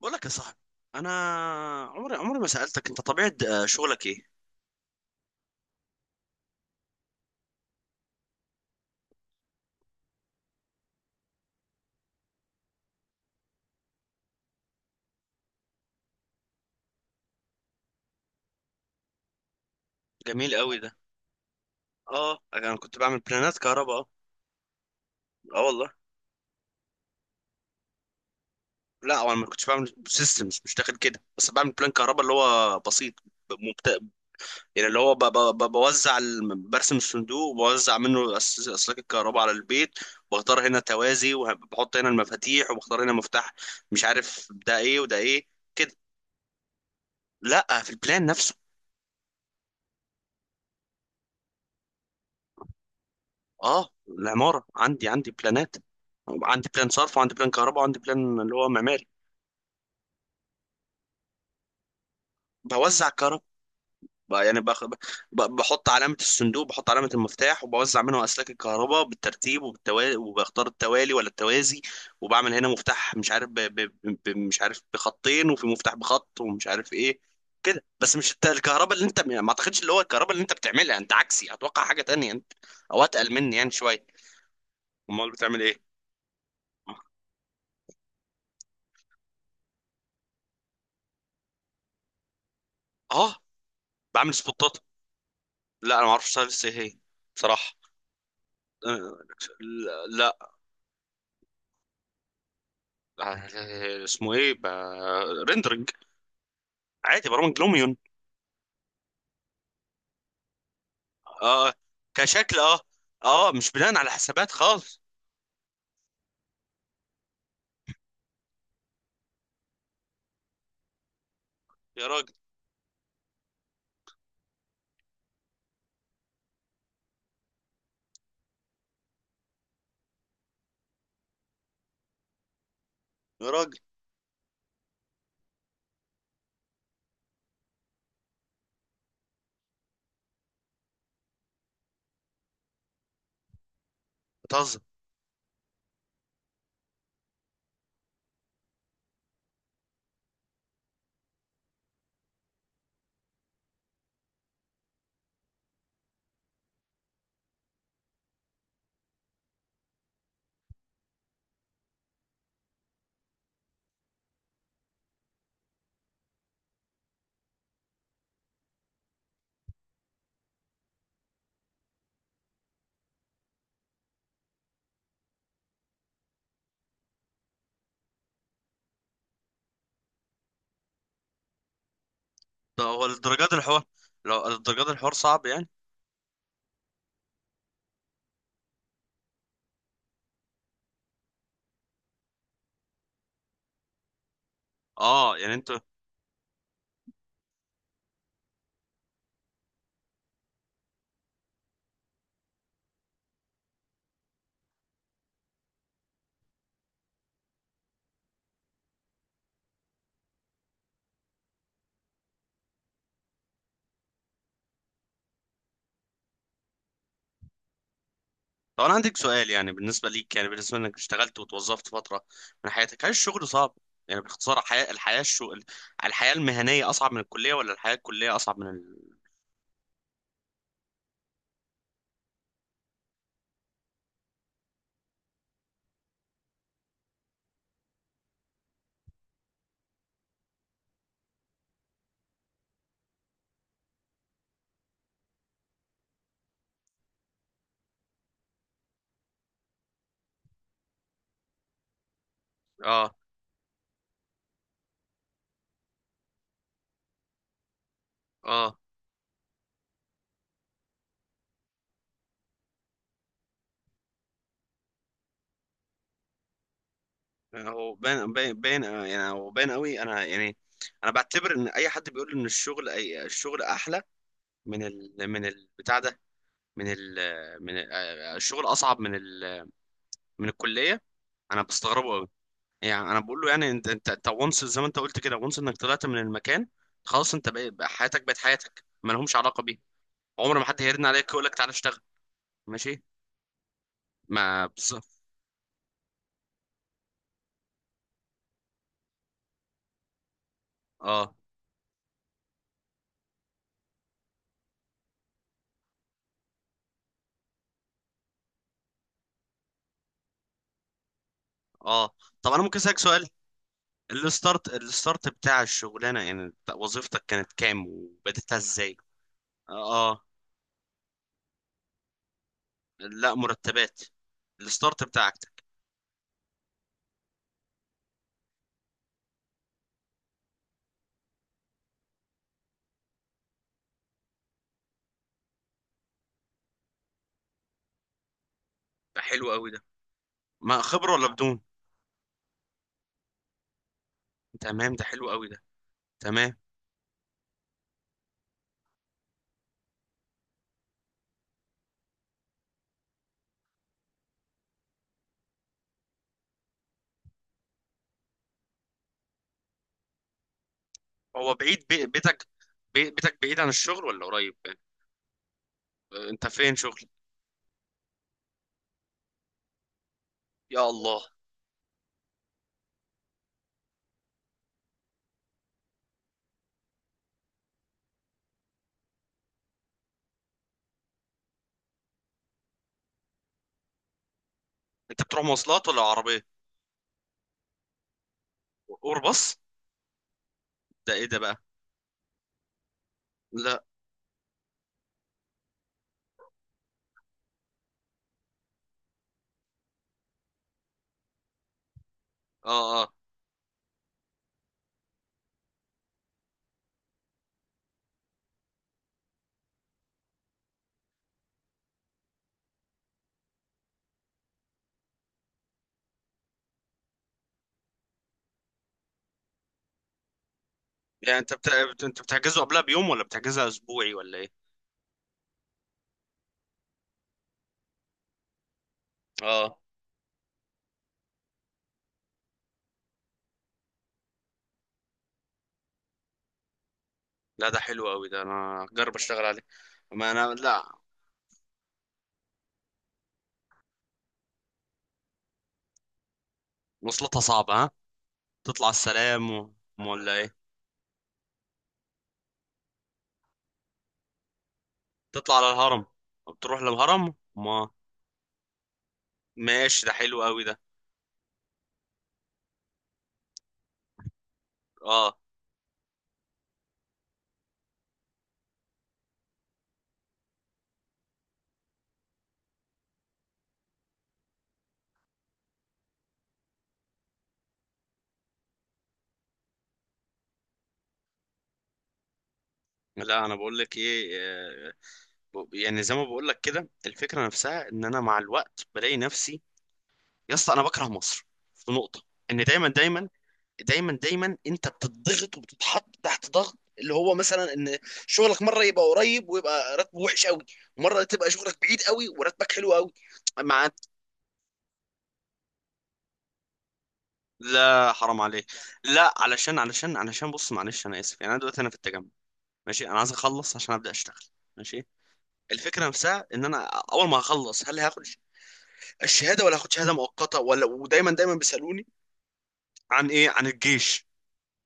بقول لك يا صاحبي. انا عمري عمري ما سالتك انت طبيعه، شغلك ايه؟ جميل قوي ده. اه، انا كنت بعمل بلانات كهرباء. اه. اه والله. لا، انا ما كنتش بعمل سيستمز، مش داخل كده، بس بعمل بلان كهرباء اللي هو بسيط. ب- مبت... يعني اللي هو بوزع برسم الصندوق وبوزع منه اسلاك الكهرباء على البيت. واختار هنا توازي، وبحط هنا المفاتيح، وبختار هنا مفتاح، مش عارف ده ايه وده ايه. كده. لا، في البلان نفسه. اه، العمارة عندي، عندي بلانات. عندي بلان صرف، وعندي بلان كهرباء، وعندي بلان اللي هو معماري. بوزع الكهرباء. يعني باخد. بحط علامة الصندوق، بحط علامة المفتاح، وبوزع منه أسلاك الكهرباء بالترتيب وبالتوالي، وبختار التوالي ولا التوازي. وبعمل هنا مفتاح مش عارف مش عارف بخطين، وفي مفتاح بخط، ومش عارف ايه. كده بس. مش الكهرباء اللي انت، ما اعتقدش اللي هو الكهرباء اللي انت بتعملها، انت عكسي، اتوقع حاجة تانية انت، او اتقل مني يعني شوية. امال بتعمل ايه؟ اه، بعمل سبوتات. لا انا ما اعرفش لسه ايه هي، بصراحه. أه. لا. أه، اسمه ايه؟ ريندرنج. عادي، برامج لوميون. اه، كشكل، اه. اه، مش بناء على حسابات خالص. يا راجل. يا راجل. بتهزر. ده هو الدرجات الحوار. لو الدرجات الحوار صعب يعني. اه، يعني انت. طب انا عندك سؤال، يعني بالنسبه ليك، يعني بالنسبه انك اشتغلت وتوظفت فتره من حياتك، هل الشغل صعب؟ يعني باختصار، الحياه، الحياه الشغل، الحياه المهنيه اصعب من الكليه ولا الحياه الكليه اصعب من ال... اه. اه. هو باين باين باين يعني، هو باين قوي. انا يعني انا بعتبر ان اي حد بيقول ان الشغل، أي الشغل احلى، من ال، من البتاع ده، من ال، من ال، الشغل اصعب من ال، من الكليه، انا بستغربه قوي. يعني انا بقول له يعني، انت وانس، زي ما انت قلت كده، وانس انك طلعت من المكان، خلاص انت بقى بقى حياتك، بقت حياتك ما لهمش علاقه بيه. عمر ما حد هيرن عليك يقول لك تعالى اشتغل. ماشي. ما بز... اه. اه. طب انا ممكن اسالك سؤال؟ الستارت الستارت بتاع الشغلانه، يعني بتاع وظيفتك، كانت كام وبدأتها ازاي؟ اه لا، مرتبات. الستارت بتاع عكتك. ده حلو قوي ده. ما خبره ولا بدون؟ تمام، ده حلو قوي ده. تمام. هو بعيد بيتك، بيتك بعيد عن الشغل ولا قريب؟ انت فين شغل؟ يا الله. انت بتروح مواصلات ولا عربيه؟ اور باص؟ ده ايه ده بقى؟ لا. اه. اه، يعني انت انت بتحجزه قبلها بيوم ولا بتحجزها اسبوعي ولا ايه؟ اه. لا ده حلو قوي ده، انا هجرب اشتغل عليه. ما انا لا. وصلتها صعبة ها. تطلع السلام و... أم ولا ايه؟ تطلع على الهرم؟ بتروح للهرم ما. ماشي ده حلو قوي ده. اه. لا انا بقول لك ايه، يعني زي ما بقول لك كده، الفكرة نفسها ان انا مع الوقت بلاقي نفسي، يا اسطى انا بكره مصر في نقطة. ان دايما دايما دايما دايما انت بتضغط وبتتحط تحت ضغط، اللي هو مثلا ان شغلك مره يبقى قريب ويبقى راتبه وحش قوي، ومره تبقى شغلك بعيد قوي وراتبك حلو قوي. مع. لا حرام عليك. لا، علشان بص معلش انا اسف، يعني انا دلوقتي انا في التجمع. ماشي، انا عايز اخلص عشان ابدا اشتغل. ماشي. الفكره نفسها ان انا اول ما هخلص، هل هاخد الشهاده ولا هاخد شهاده مؤقته ولا، ودايما دايما بيسالوني عن ايه؟ عن الجيش.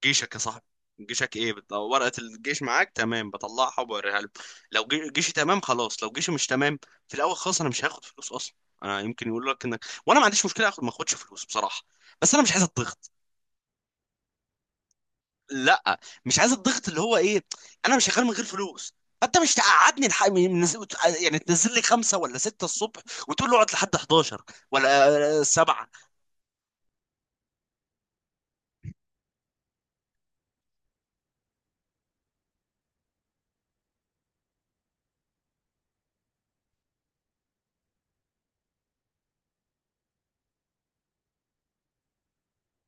جيشك يا صاحبي. جيشك ايه ورقة الجيش معاك تمام، بطلعها وبوريها له. لو جيشي تمام خلاص، لو جيشي مش تمام في الاول خالص، انا مش هاخد فلوس اصلا. انا يمكن يقول لك، انك، وانا ما عنديش مشكلة اخد ما اخدش فلوس بصراحة، بس انا مش عايز الضغط. لا، مش عايز الضغط اللي هو ايه، انا مش شغال من غير فلوس، فانت مش تقعدني يعني تنزل لي خمسة ولا ستة الصبح وتقول لي اقعد لحد 11 ولا سبعة.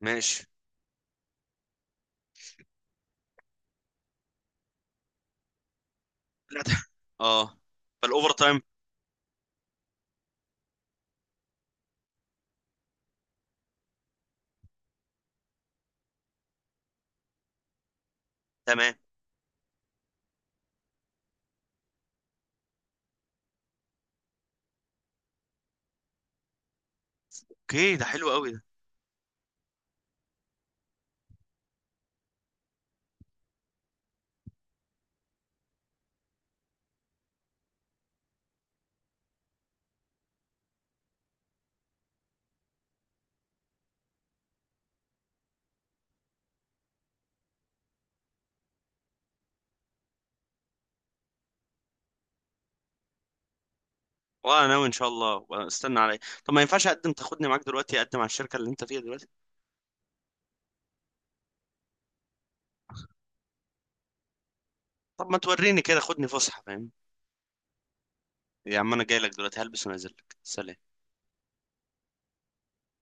ماشي. لا ده- اه. فالاوفر تايم. تمام. اوكي ده حلو قوي. وانا ناوي ان شاء الله، استنى عليا. طب ما ينفعش اقدم، تاخدني معاك دلوقتي، اقدم على الشركه اللي انت فيها دلوقتي؟ طب ما توريني كده، خدني فسحه فاهم. يا عم انا جاي لك دلوقتي، هلبس ونازل لك. سلام.